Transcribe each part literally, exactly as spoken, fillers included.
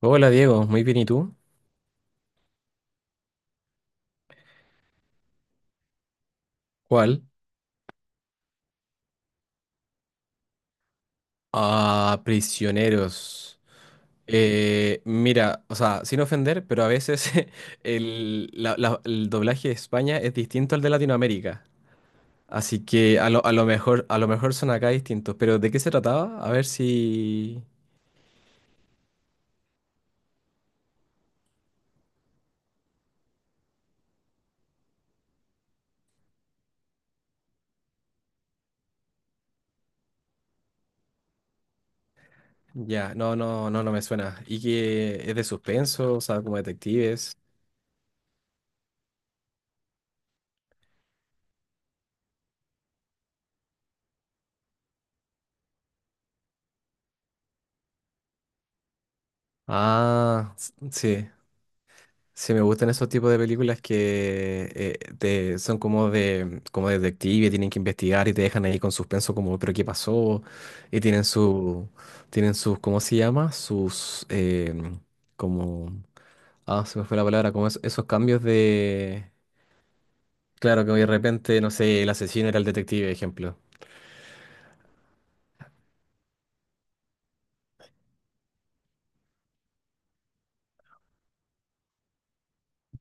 Hola Diego, muy bien, ¿y tú? ¿Cuál? Ah, prisioneros. Eh, mira, o sea, sin ofender, pero a veces el, la- la- el doblaje de España es distinto al de Latinoamérica. Así que a lo, a lo mejor, a lo mejor son acá distintos. Pero ¿de qué se trataba? A ver si. Ya, no, no, no, no me suena. ¿Y que es de suspenso? O sea, como detectives. Ah, s- sí. Sí, me gustan esos tipos de películas que eh, te- son como de como de detective, tienen que investigar y te dejan ahí con suspenso como, pero ¿qué pasó? Y tienen su, tienen sus, ¿cómo se llama? Sus, em, como, ah, se me fue la palabra, como es- esos cambios de, claro, que de repente, no sé, el asesino era el detective, ejemplo.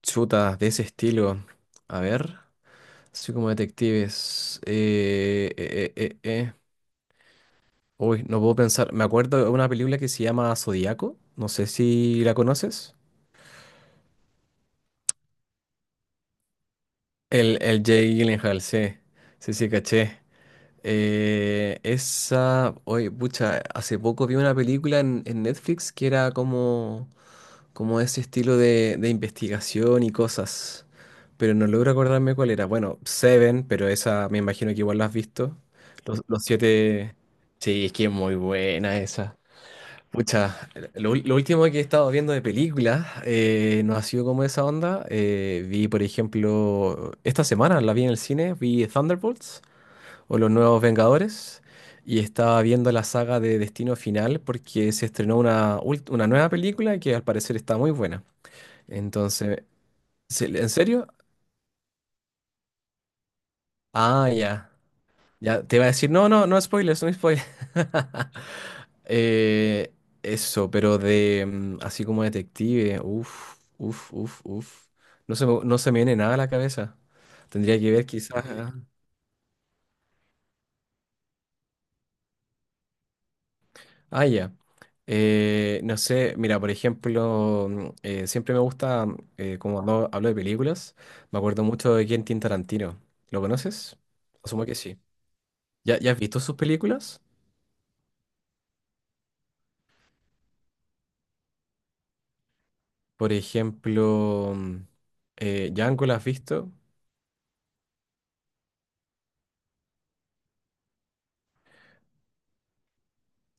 Chutas de ese estilo. A ver, así como detectives. eh, eh, eh, eh, eh. Uy, no puedo pensar. Me acuerdo de una película que se llama Zodíaco. No sé si la conoces. El, el Jake Gyllenhaal, sí. Sí, sí, caché. Eh, esa. Oye, pucha, hace poco vi una película en, en Netflix que era como, como ese estilo de, de investigación y cosas. Pero no logro acordarme cuál era. Bueno, Seven, pero esa me imagino que igual la has visto. Los, los siete. Sí, es que es muy buena esa. Pucha, lo, lo último que he estado viendo de películas eh, no ha sido como esa onda. Eh, vi, por ejemplo, esta semana la vi en el cine, vi Thunderbolts o Los Nuevos Vengadores y estaba viendo la saga de Destino Final porque se estrenó una, ult- una nueva película que al parecer está muy buena. Entonces, ¿se- ¿en serio? Ah, ya. Ya te iba a decir, no, no, no spoilers, no spoilers. Eh, eso, pero de mm, así como detective, uff, uff, uff, uff. No se, me- no se me viene nada a la cabeza. Tendría que ver quizás. ah, ah, ya. Eh, no sé, mira, por ejemplo, mm, eh, siempre me gusta, mm, eh, como hablo, hablo de películas, me acuerdo mucho de Quentin Tarantino. ¿Lo conoces? Asumo que sí. ¿Ya, ya has visto sus películas? Por ejemplo, mm, eh, Django, ¿la has visto?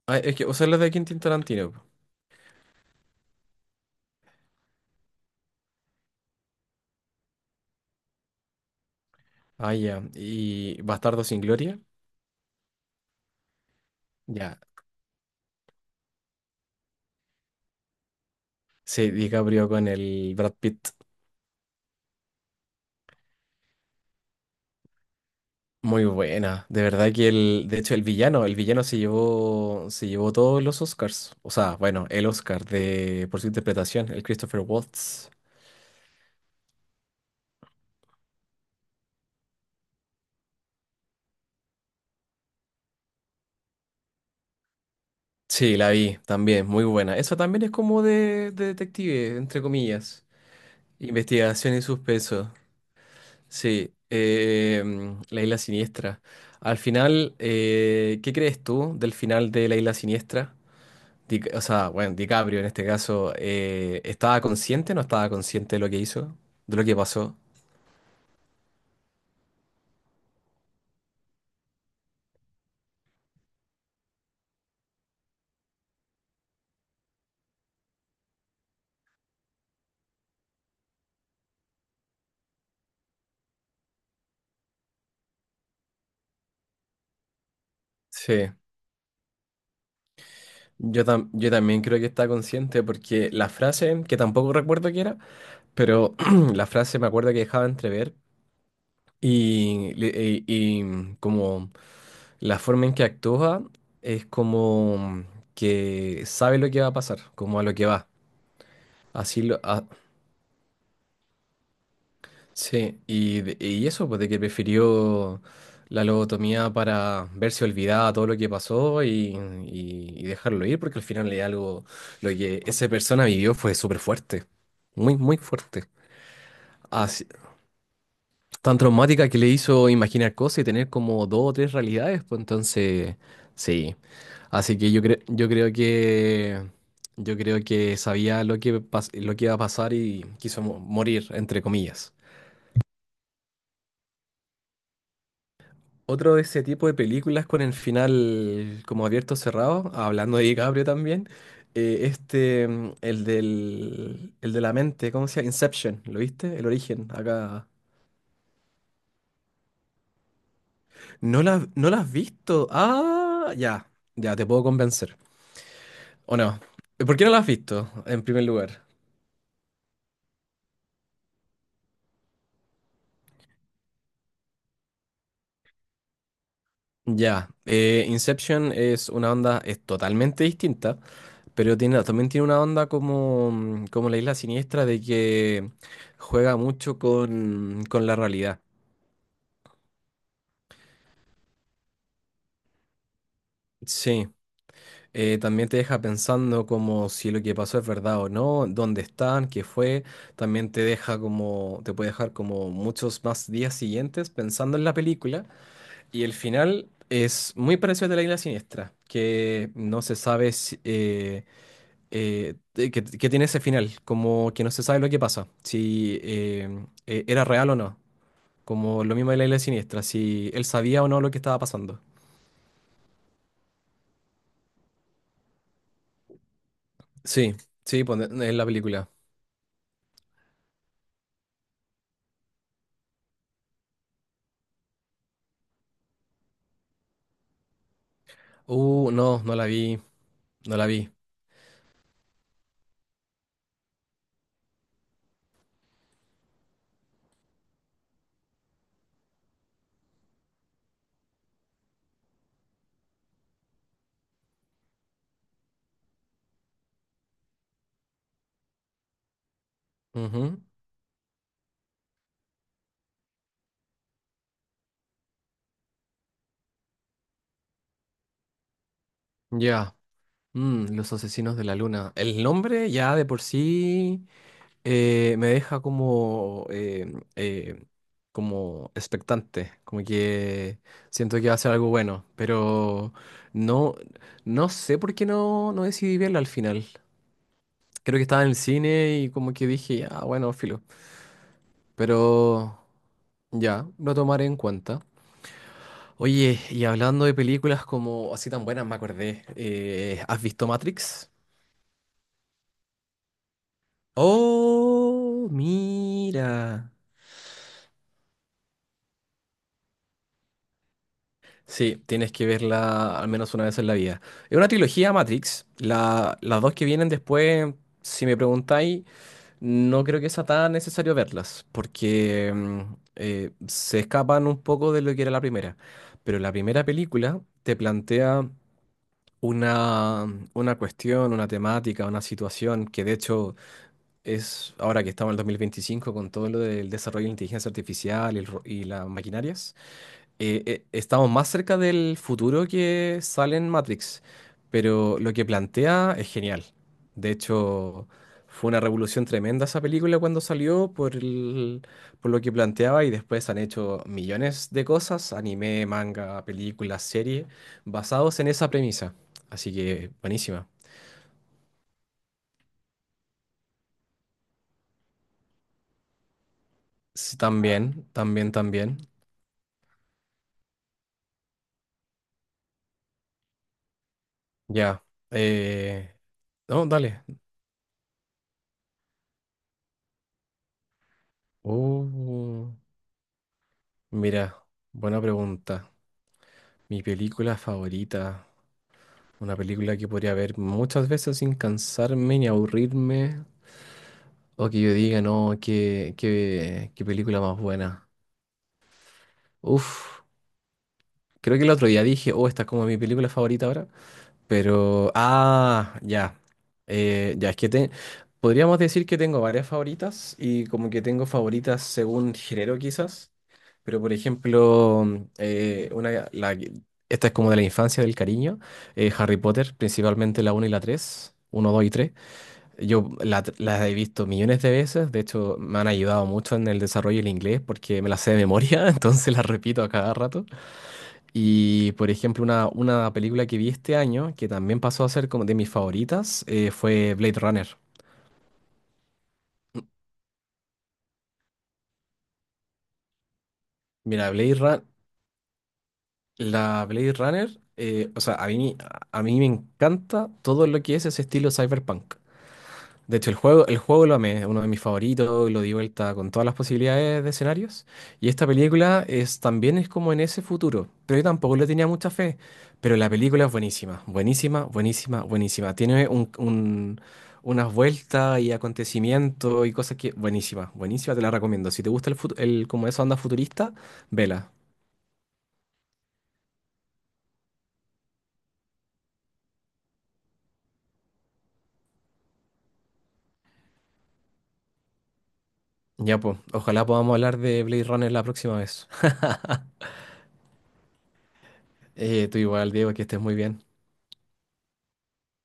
Ah, es que, o sea, la de Quentin Tarantino. Po. Ah, ya. Y Bastardo sin Gloria. Ya. Sí, DiCaprio con el Brad Pitt. Muy buena. De verdad que el, de hecho, el villano, el villano se llevó, se llevó todos los Oscars. O sea, bueno, el Oscar de, por su interpretación, el Christopher Waltz. Sí, la vi también, muy buena. Eso también es como de, de detective, entre comillas. Investigación y suspenso. Sí, eh, mm, la isla siniestra. Al final, eh, ¿qué crees tú del final de la isla siniestra? Di- o sea, bueno, DiCaprio en este caso, eh, ¿estaba consciente o no estaba consciente de lo que hizo? ¿De lo que pasó? Sí, yo, tam- yo también creo que está consciente porque la frase, que tampoco recuerdo qué era, pero la frase me acuerdo que dejaba entrever Y, le- y- y como la forma en que actúa es como que sabe lo que va a pasar, como a lo que va. Así lo... a- sí, y, de- y eso, pues de que prefirió la lobotomía para verse olvidada todo lo que pasó y, y- y dejarlo ir, porque al final es algo, lo que esa persona vivió fue súper fuerte, muy, muy fuerte. Tan traumática que le hizo imaginar cosas y tener como dos o tres realidades, pues entonces, sí. Así que yo creo, yo creo que yo creo que sabía lo que pas- lo que iba a pasar y quiso mo- morir, entre comillas. Otro de ese tipo de películas con el final como abierto cerrado, hablando de DiCaprio también, eh, este, mm, el del, el de la mente, ¿cómo se llama? Inception, ¿lo viste? El origen, acá. No la, no la has visto. Ah, ya, ya, te puedo convencer. ¿O no? Eh, ¿Por qué no la has visto, en primer lugar? Ya, eh, Inception es una onda, es totalmente distinta, pero tiene, también tiene una onda como, mm, como la Isla Siniestra de que juega mucho con, con la realidad. Sí, eh, también te deja pensando como si lo que pasó es verdad o no, dónde están, qué fue, también te deja como, te puede dejar como muchos más días siguientes pensando en la película. Y el final es muy parecido al de la Isla Siniestra, que no se sabe si, eh, eh, de- que, que tiene ese final, como que no se sabe lo que pasa, si eh, eh, era real o no, como lo mismo de la Isla Siniestra, si él sabía o no lo que estaba pasando. Sí, sí, pone- en la película. Uh, no, no la vi, no la vi. Ujú, ya. Mm, los asesinos de la luna. El nombre ya de por sí eh, me deja como, eh, eh, como expectante, como que siento que va a ser algo bueno, pero no, no sé por qué no, no decidí verla al final. Creo que estaba en el cine y como que dije, ya, bueno, filo, pero ya, lo tomaré en cuenta. Oye, y hablando de películas como así tan buenas, me acordé, eh, ¿has visto Matrix? Oh, mira. Sí, tienes que verla al menos una vez en la vida. Es una trilogía Matrix. La- las dos que vienen después, si me preguntáis, no creo que sea tan necesario verlas, porque mm, eh, se escapan un poco de lo que era la primera. Pero la primera película te plantea una, una cuestión, una temática, una situación que de hecho es ahora que estamos en el dos mil veinticinco con todo lo del desarrollo de la inteligencia artificial y el ro- y las maquinarias eh, eh, estamos más cerca del futuro que sale en Matrix, pero lo que plantea es genial. De hecho, fue una revolución tremenda esa película cuando salió por el- por lo que planteaba y después han hecho millones de cosas, anime, manga, películas, series, basados en esa premisa. Así que buenísima. Sí, también, también, también. Ya. eh, No, dale. Uh, mira, buena pregunta. Mi película favorita, una película que podría ver muchas veces sin cansarme ni aburrirme, o que yo diga, no, qué, qué, qué película más buena. Uf, creo que el otro día dije, oh, esta es como mi película favorita ahora, pero, ah, ya. Eh, ya, es que te, podríamos decir que tengo varias favoritas y como que tengo favoritas según género quizás. Pero, por ejemplo, eh, una, la, que- esta es como de la infancia del cariño. eh, Harry Potter, principalmente la uno y la tres uno dos y tres. Yo la- las he visto millones de veces. De hecho, me han ayudado mucho en el desarrollo del inglés porque me las sé de memoria, entonces las repito a cada rato. Y por ejemplo, una, una película que vi este año, que también pasó a ser como de mis favoritas, eh, fue Blade Runner. Mira, Blade Run- la Blade Runner, eh, o sea, a mí, a mí me encanta todo lo que es ese estilo cyberpunk. De hecho, el juego, el juego lo amé, es uno de mis favoritos, lo di vuelta con todas las posibilidades de escenarios. Y esta película es, también es como en ese futuro, pero yo tampoco le tenía mucha fe. Pero la película es buenísima, buenísima, buenísima, buenísima. Tiene un, un- unas vueltas y acontecimientos y cosas que... Buenísima, buenísima, te la recomiendo. Si te gusta el, fut- el como esa onda futurista, vela. Ya pues, ojalá podamos hablar de Blade Runner la próxima vez. Eh, tú igual, Diego, que estés muy bien.